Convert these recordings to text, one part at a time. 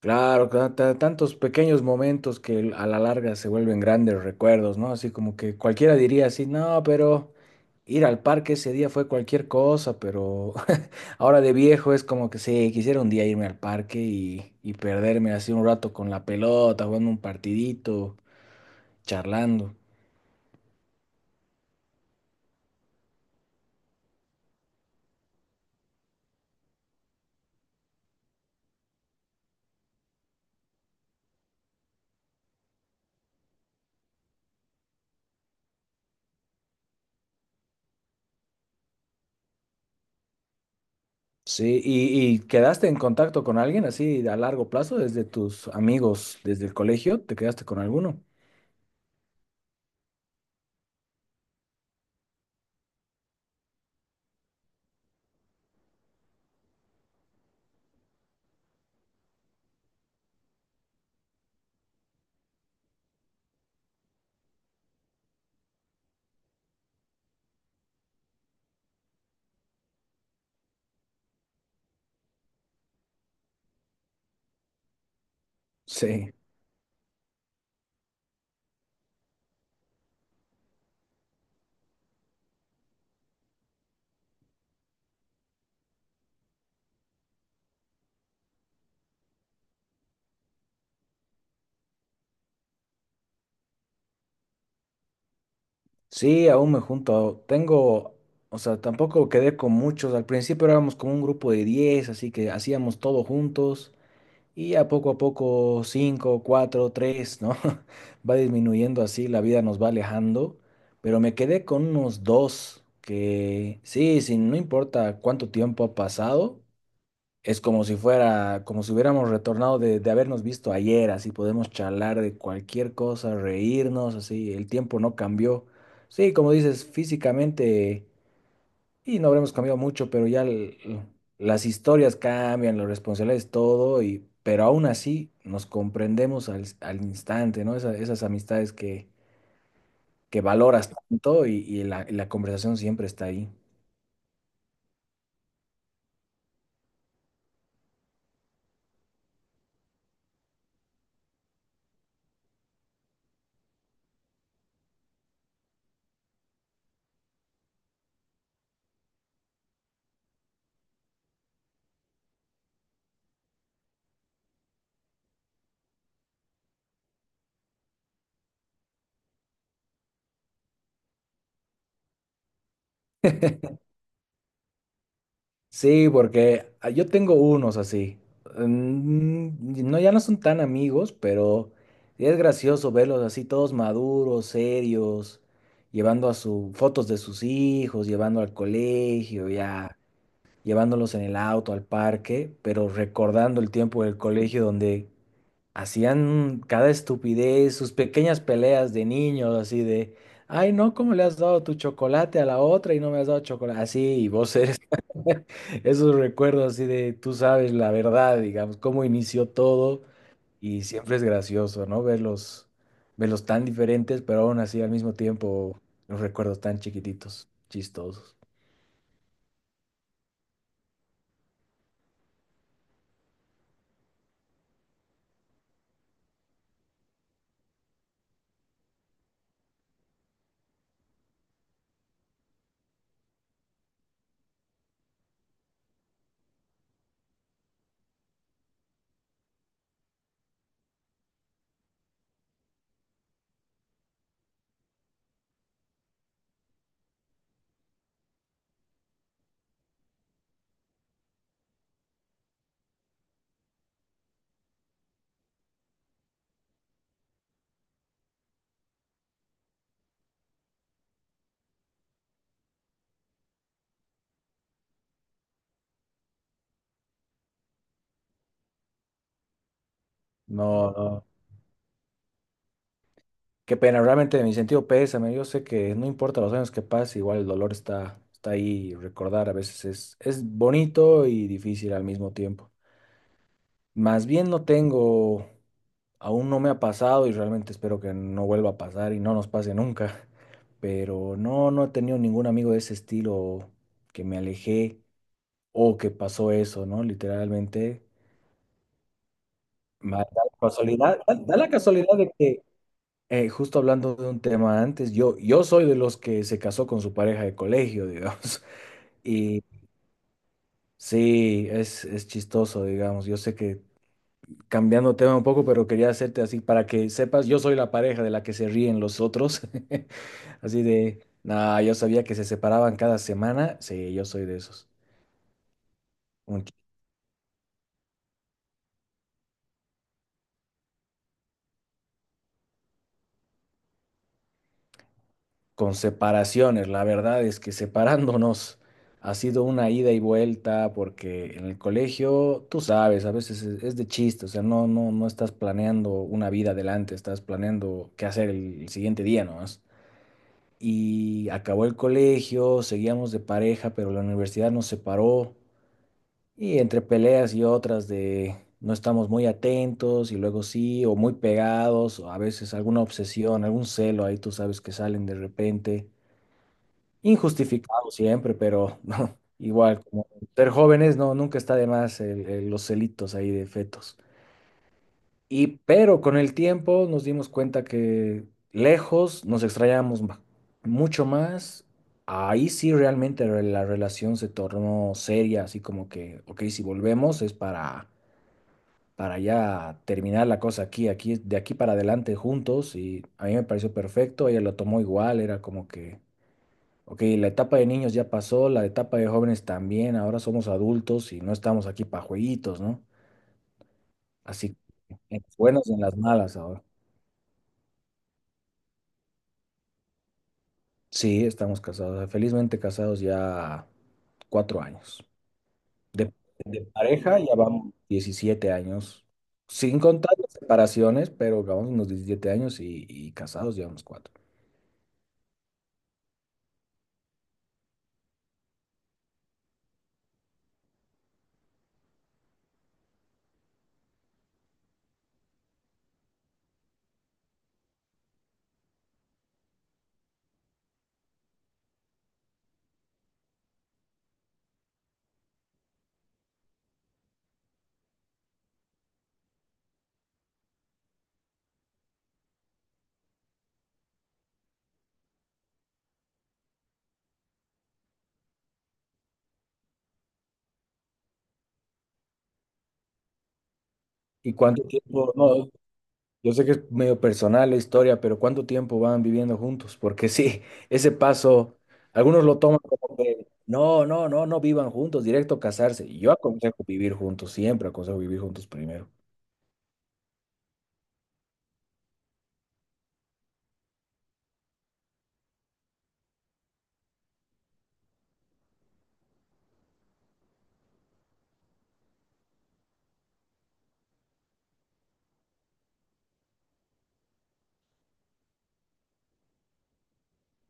Claro, tantos pequeños momentos que a la larga se vuelven grandes recuerdos, ¿no? Así como que cualquiera diría así, no, pero ir al parque ese día fue cualquier cosa, pero ahora de viejo es como que sí, quisiera un día irme al parque y perderme así un rato con la pelota, jugando un partidito, charlando. Sí, ¿y quedaste en contacto con alguien así a largo plazo, desde tus amigos, desde el colegio? ¿Te quedaste con alguno? Sí. Sí, aún me junto. Tengo, o sea, tampoco quedé con muchos. Al principio éramos como un grupo de 10, así que hacíamos todo juntos. Y a poco, 5, 4, 3, ¿no? Va disminuyendo así, la vida nos va alejando. Pero me quedé con unos dos que, sí, sí, no importa cuánto tiempo ha pasado, es como si fuera, como si hubiéramos retornado de habernos visto ayer, así podemos charlar de cualquier cosa, reírnos, así, el tiempo no cambió. Sí, como dices, físicamente, y no habremos cambiado mucho, pero ya las historias cambian, las responsabilidades, todo, y, pero aún así nos comprendemos al instante, ¿no? Esas amistades que valoras tanto y la conversación siempre está ahí. Sí, porque yo tengo unos así. No, ya no son tan amigos, pero es gracioso verlos así todos maduros, serios, llevando a su fotos de sus hijos, llevando al colegio, ya llevándolos en el auto al parque, pero recordando el tiempo del colegio donde hacían cada estupidez, sus pequeñas peleas de niños, así de, ay, no, ¿cómo le has dado tu chocolate a la otra y no me has dado chocolate? Así, y vos eres esos recuerdos así de, tú sabes la verdad, digamos, cómo inició todo, y siempre es gracioso, ¿no? Verlos tan diferentes, pero aún así al mismo tiempo, los recuerdos tan chiquititos, chistosos. No, no. Qué pena, realmente mi sentido pésame. Yo sé que no importa los años que pase, igual el dolor está ahí. Y recordar a veces es bonito y difícil al mismo tiempo. Más bien no tengo, aún no me ha pasado y realmente espero que no vuelva a pasar y no nos pase nunca. Pero no, no he tenido ningún amigo de ese estilo que me alejé o que pasó eso, ¿no? Literalmente. Da la casualidad, da la casualidad de que justo hablando de un tema antes, yo soy de los que se casó con su pareja de colegio, digamos. Y sí, es chistoso, digamos. Yo sé que cambiando tema un poco, pero quería hacerte así para que sepas, yo soy la pareja de la que se ríen los otros. Así de, nada, yo sabía que se separaban cada semana. Sí, yo soy de esos. Con separaciones. La verdad es que separándonos ha sido una ida y vuelta porque en el colegio, tú sabes, a veces es de chiste, o sea, no, no, no estás planeando una vida adelante, estás planeando qué hacer el siguiente día nomás. Y acabó el colegio, seguíamos de pareja, pero la universidad nos separó y entre peleas y otras de. No estamos muy atentos y luego sí, o muy pegados, o a veces alguna obsesión, algún celo ahí tú sabes que salen de repente. Injustificado siempre, pero no igual, como ser jóvenes, no, nunca está de más los celitos ahí de fetos. Y pero con el tiempo nos dimos cuenta que lejos nos extrañamos mucho más. Ahí sí realmente la relación se tornó seria, así como que, ok, si volvemos es para, ya terminar la cosa aquí, aquí, de aquí para adelante juntos. Y a mí me pareció perfecto, ella lo tomó igual, era como que ok, la etapa de niños ya pasó, la etapa de jóvenes también, ahora somos adultos y no estamos aquí para jueguitos, ¿no? Así, en las buenas y en las malas ahora. Sí, estamos casados, felizmente casados ya 4 años. De pareja ya vamos 17 años, sin contar las separaciones, pero vamos unos 17 años y casados llevamos cuatro. ¿Y cuánto tiempo? No, yo sé que es medio personal la historia, pero ¿cuánto tiempo van viviendo juntos? Porque sí, ese paso, algunos lo toman como que no, no, no, no vivan juntos, directo casarse. Yo aconsejo vivir juntos, siempre aconsejo vivir juntos primero.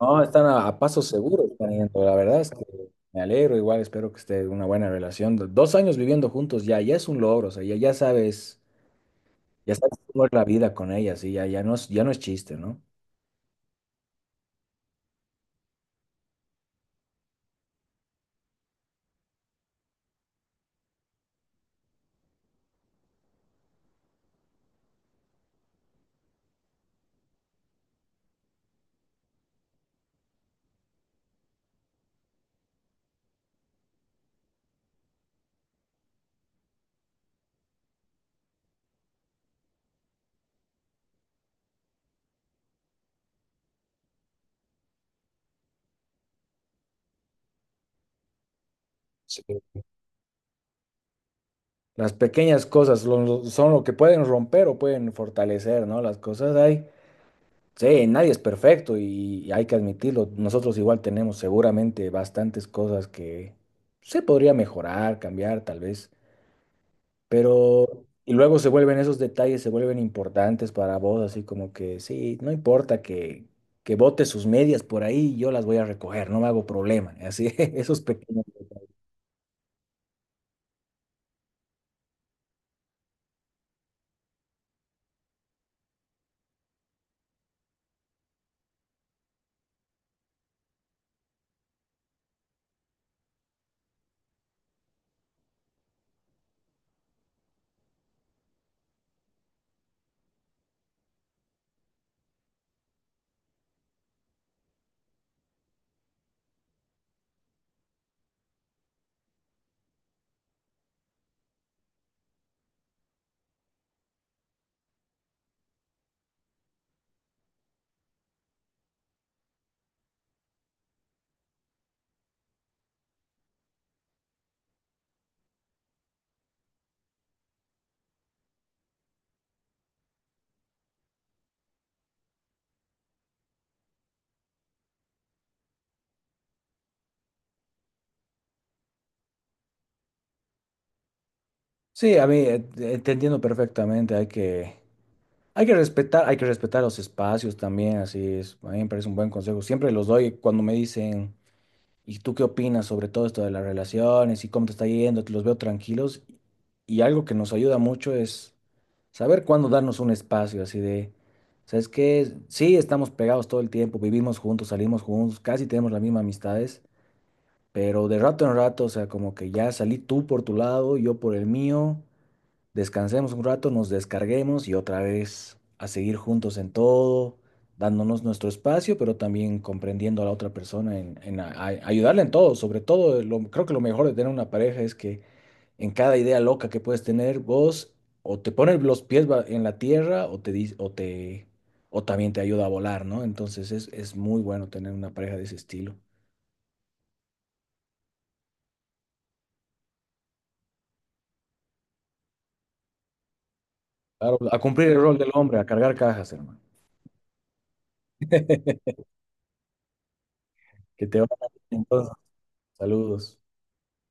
No, están a paso seguro, están yendo. La verdad es que me alegro, igual espero que esté una buena relación. 2 años viviendo juntos ya es un logro, o sea, ya sabes cómo es la vida con ella, sí, ya no es chiste, ¿no? Sí. Las pequeñas cosas son lo que pueden romper o pueden fortalecer, ¿no? Las cosas hay. Sí, nadie es perfecto y hay que admitirlo. Nosotros igual tenemos seguramente bastantes cosas que se podría mejorar, cambiar tal vez, pero y luego se vuelven esos detalles, se vuelven importantes para vos, así como que sí, no importa que bote sus medias por ahí, yo las voy a recoger, no me hago problema. Así, esos pequeños. Sí, a mí te entiendo perfectamente, hay que respetar los espacios también, así es. A mí me parece un buen consejo. Siempre los doy cuando me dicen, ¿y tú qué opinas sobre todo esto de las relaciones y cómo te está yendo? Te los veo tranquilos. Y algo que nos ayuda mucho es saber cuándo darnos un espacio, así de, ¿sabes qué? Sí, estamos pegados todo el tiempo, vivimos juntos, salimos juntos, casi tenemos las mismas amistades, pero de rato en rato, o sea, como que ya salí tú por tu lado, yo por el mío descansemos un rato, nos descarguemos y otra vez a seguir juntos en todo, dándonos nuestro espacio, pero también comprendiendo a la otra persona, ayudarle en todo. Sobre todo, creo que lo mejor de tener una pareja es que en cada idea loca que puedes tener, vos o te pones los pies en la tierra, o te, dis- o te, o también te ayuda a volar, ¿no? Entonces es muy bueno tener una pareja de ese estilo. Claro, a cumplir el rol del hombre, a cargar cajas, hermano. Que te vaya bien, entonces, saludos.